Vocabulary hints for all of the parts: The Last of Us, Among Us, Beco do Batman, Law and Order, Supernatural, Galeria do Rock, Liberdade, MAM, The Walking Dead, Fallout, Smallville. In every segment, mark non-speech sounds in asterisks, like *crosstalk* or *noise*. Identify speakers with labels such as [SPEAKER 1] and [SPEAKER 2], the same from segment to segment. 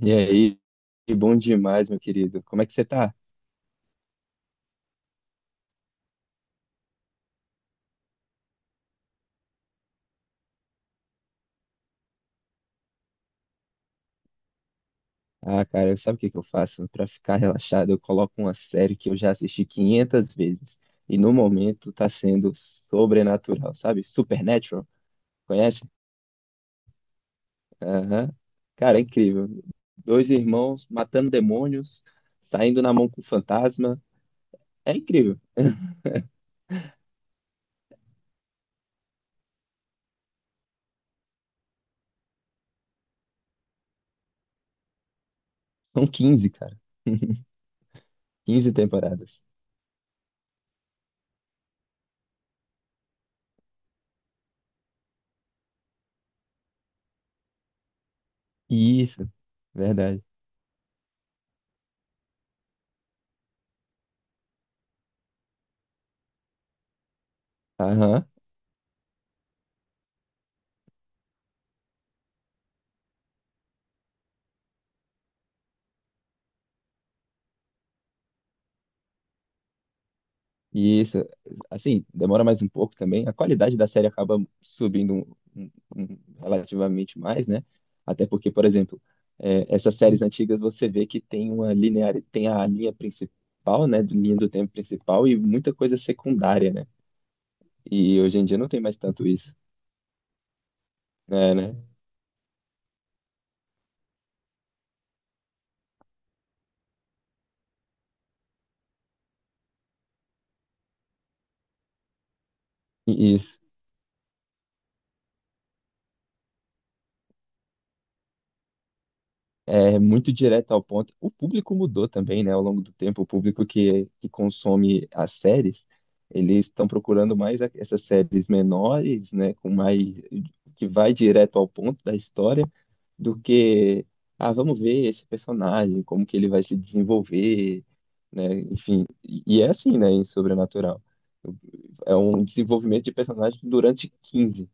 [SPEAKER 1] E aí, bom demais, meu querido. Como é que você tá? Ah, cara, sabe o que que eu faço? Pra ficar relaxado, eu coloco uma série que eu já assisti 500 vezes e no momento tá sendo sobrenatural, sabe? Supernatural, conhece? Aham. Cara, é incrível. Dois irmãos matando demônios, saindo na mão com fantasma. É incrível. São 15, cara. 15 temporadas. Isso, verdade. Aham. E isso, assim, demora mais um pouco também. A qualidade da série acaba subindo relativamente mais, né? Até porque, por exemplo, é, essas séries antigas você vê que tem uma linear, tem a linha principal, né? Linha do tempo principal e muita coisa secundária, né? E hoje em dia não tem mais tanto isso, né? E isso. É muito direto ao ponto. O público mudou também, né? Ao longo do tempo, o público que consome as séries, eles estão procurando mais essas séries menores, né? Com mais que vai direto ao ponto da história, do que ah, vamos ver esse personagem, como que ele vai se desenvolver, né? Enfim, e é assim, né? Em Sobrenatural. É um desenvolvimento de personagem durante 15.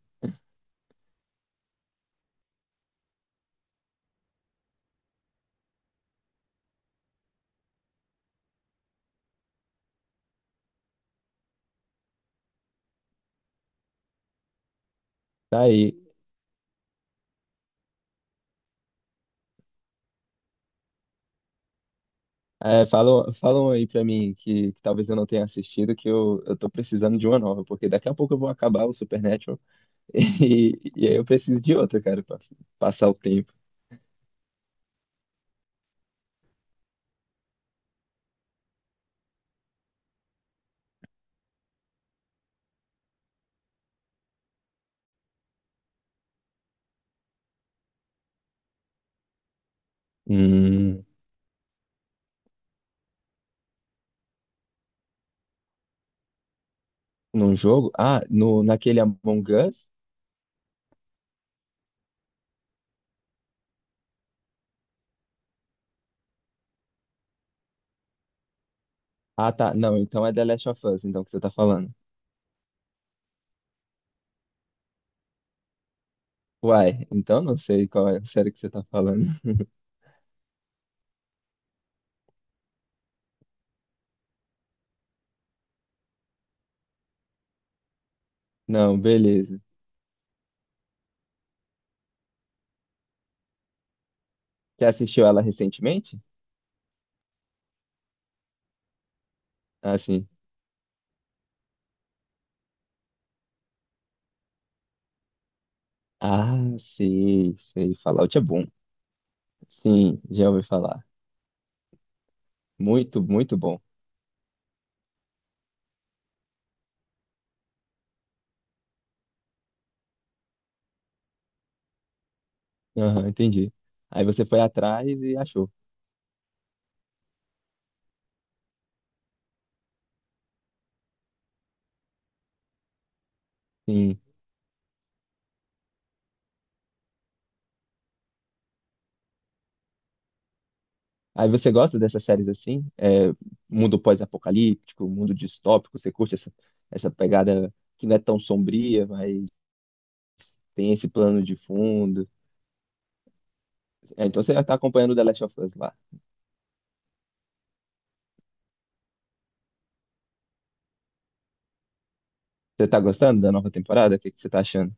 [SPEAKER 1] Tá. É, falam aí pra mim que talvez eu não tenha assistido, que eu tô precisando de uma nova, porque daqui a pouco eu vou acabar o Supernatural *laughs* e aí eu preciso de outra, cara, pra passar o tempo. Hum, num jogo? Ah, no, naquele Among Us? Ah, tá. Não, então é The Last of Us, então, que você tá falando. Uai, então não sei qual é a série que você tá falando. *laughs* Não, beleza. Você assistiu ela recentemente? Ah, sim. Ah, sei, sei. Fallout é bom. Sim, já ouvi falar. Muito, muito bom. Aham, entendi. Aí você foi atrás e achou. Sim. Aí você gosta dessas séries assim? É, mundo pós-apocalíptico, mundo distópico, você curte essa pegada que não é tão sombria, mas tem esse plano de fundo. É, então você tá acompanhando The Last of Us lá. Você tá gostando da nova temporada? O que que você tá achando?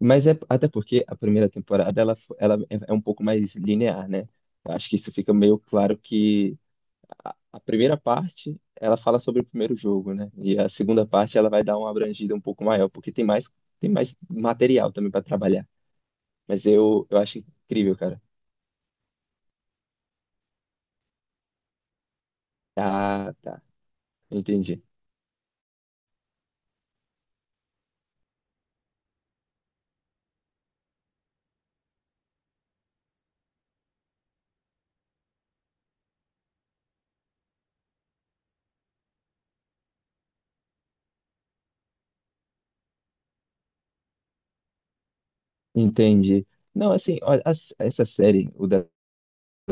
[SPEAKER 1] Mas é até porque a primeira temporada ela é um pouco mais linear, né? Eu acho que isso fica meio claro que a primeira parte, ela fala sobre o primeiro jogo, né? E a segunda parte, ela vai dar uma abrangida um pouco maior, porque tem mais material também para trabalhar. Mas eu acho incrível, cara. Tá, tá. Entendi. Entendi. Não, assim, olha, essa série, o The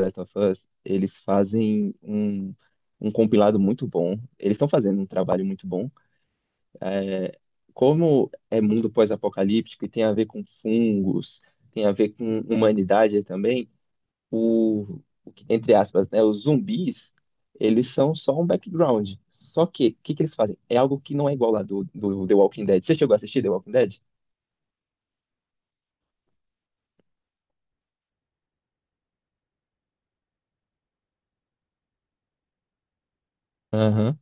[SPEAKER 1] Last of Us, eles fazem um compilado muito bom. Eles estão fazendo um trabalho muito bom. Como é mundo pós-apocalíptico e tem a ver com fungos, tem a ver com humanidade também. Entre aspas, né, os zumbis, eles são só um background. Só que, o que que eles fazem? É algo que não é igual lá do The Walking Dead. Você chegou a assistir The Walking Dead? Aham.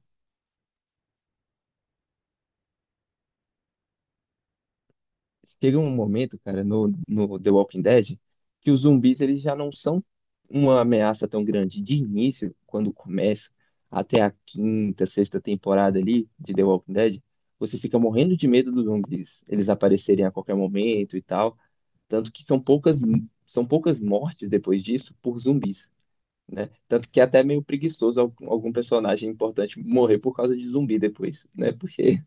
[SPEAKER 1] Chega um momento, cara, no The Walking Dead, que os zumbis eles já não são uma ameaça tão grande de início, quando começa, até a quinta, sexta temporada ali de The Walking Dead, você fica morrendo de medo dos zumbis, eles aparecerem a qualquer momento e tal. Tanto que são poucas mortes depois disso por zumbis, né? Tanto que é até meio preguiçoso algum personagem importante morrer por causa de zumbi depois, né? Porque.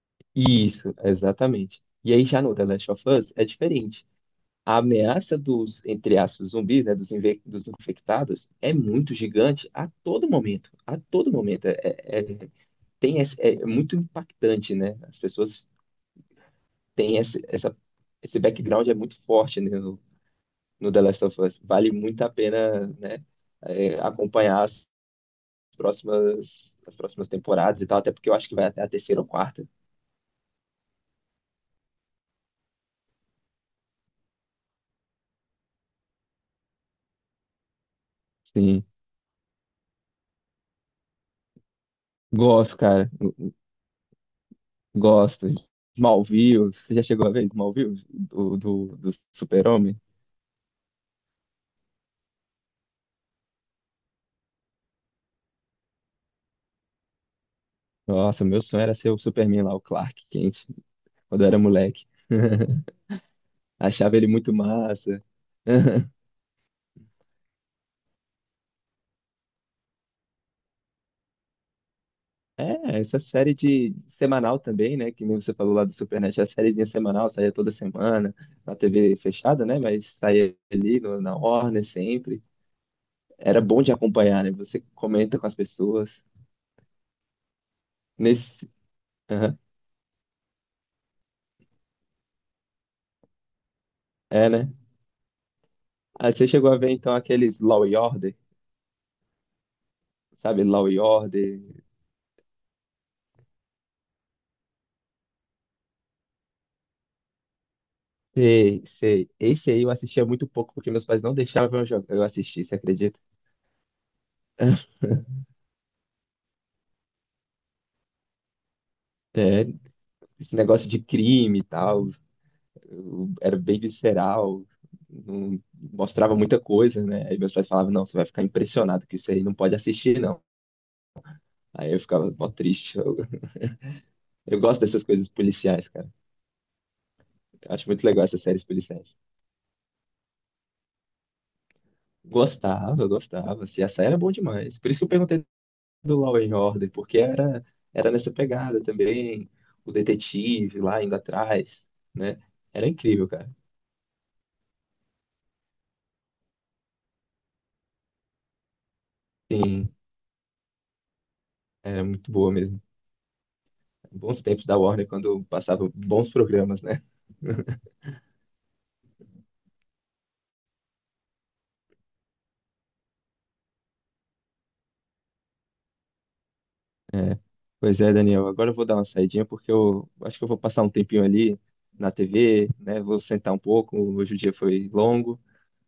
[SPEAKER 1] *laughs* Isso, exatamente. E aí já no The Last of Us é diferente. A ameaça dos, entre aspas, zumbis, né, dos infectados, é muito gigante a todo momento. A todo momento. É, é muito impactante, né? As pessoas têm esse background é muito forte, né, no The Last of Us. Vale muito a pena, né, acompanhar as próximas temporadas e tal, até porque eu acho que vai até a terceira ou quarta. Sim, gosto, cara, gosto. Smallville, você já chegou a ver Smallville do Super-Homem? Nossa, meu sonho era ser o Superman lá, o Clark Kent, quando eu era moleque. *laughs* Achava ele muito massa. *laughs* É, essa série de semanal também, né? Que nem você falou lá do Supernet, é a sériezinha semanal, saía toda semana, na TV fechada, né? Mas saía ali na Warner sempre. Era bom de acompanhar, né? Você comenta com as pessoas. Nesse... Aham, é, né? Aí você chegou a ver, então, aqueles Law e Order, sabe? Law e Order. Sei, sei. Esse aí eu assistia muito pouco, porque meus pais não deixavam eu assistir, você acredita? *laughs* É, esse negócio de crime e tal. Eu era bem visceral, não mostrava muita coisa, né? Aí meus pais falavam, não, você vai ficar impressionado que isso aí não pode assistir, não. Aí eu ficava mó triste. Eu gosto dessas coisas policiais, cara. Eu acho muito legal essas séries policiais. Gostava, gostava. Assim, essa era bom demais. Por isso que eu perguntei do Law and Order, porque era nessa pegada também. O detetive lá indo atrás, né? Era incrível, cara. Sim, era muito boa mesmo. Bons tempos da Warner, quando passava bons programas, né? É. Pois é, Daniel. Agora eu vou dar uma saidinha porque eu acho que eu vou passar um tempinho ali na TV, né? Vou sentar um pouco. Hoje o dia foi longo,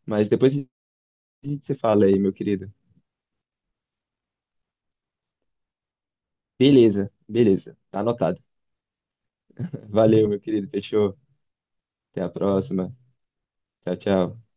[SPEAKER 1] mas depois a gente se fala aí, meu querido. Beleza, beleza. Tá anotado. *laughs* Valeu, meu querido. Fechou. Até a próxima. Tchau, tchau.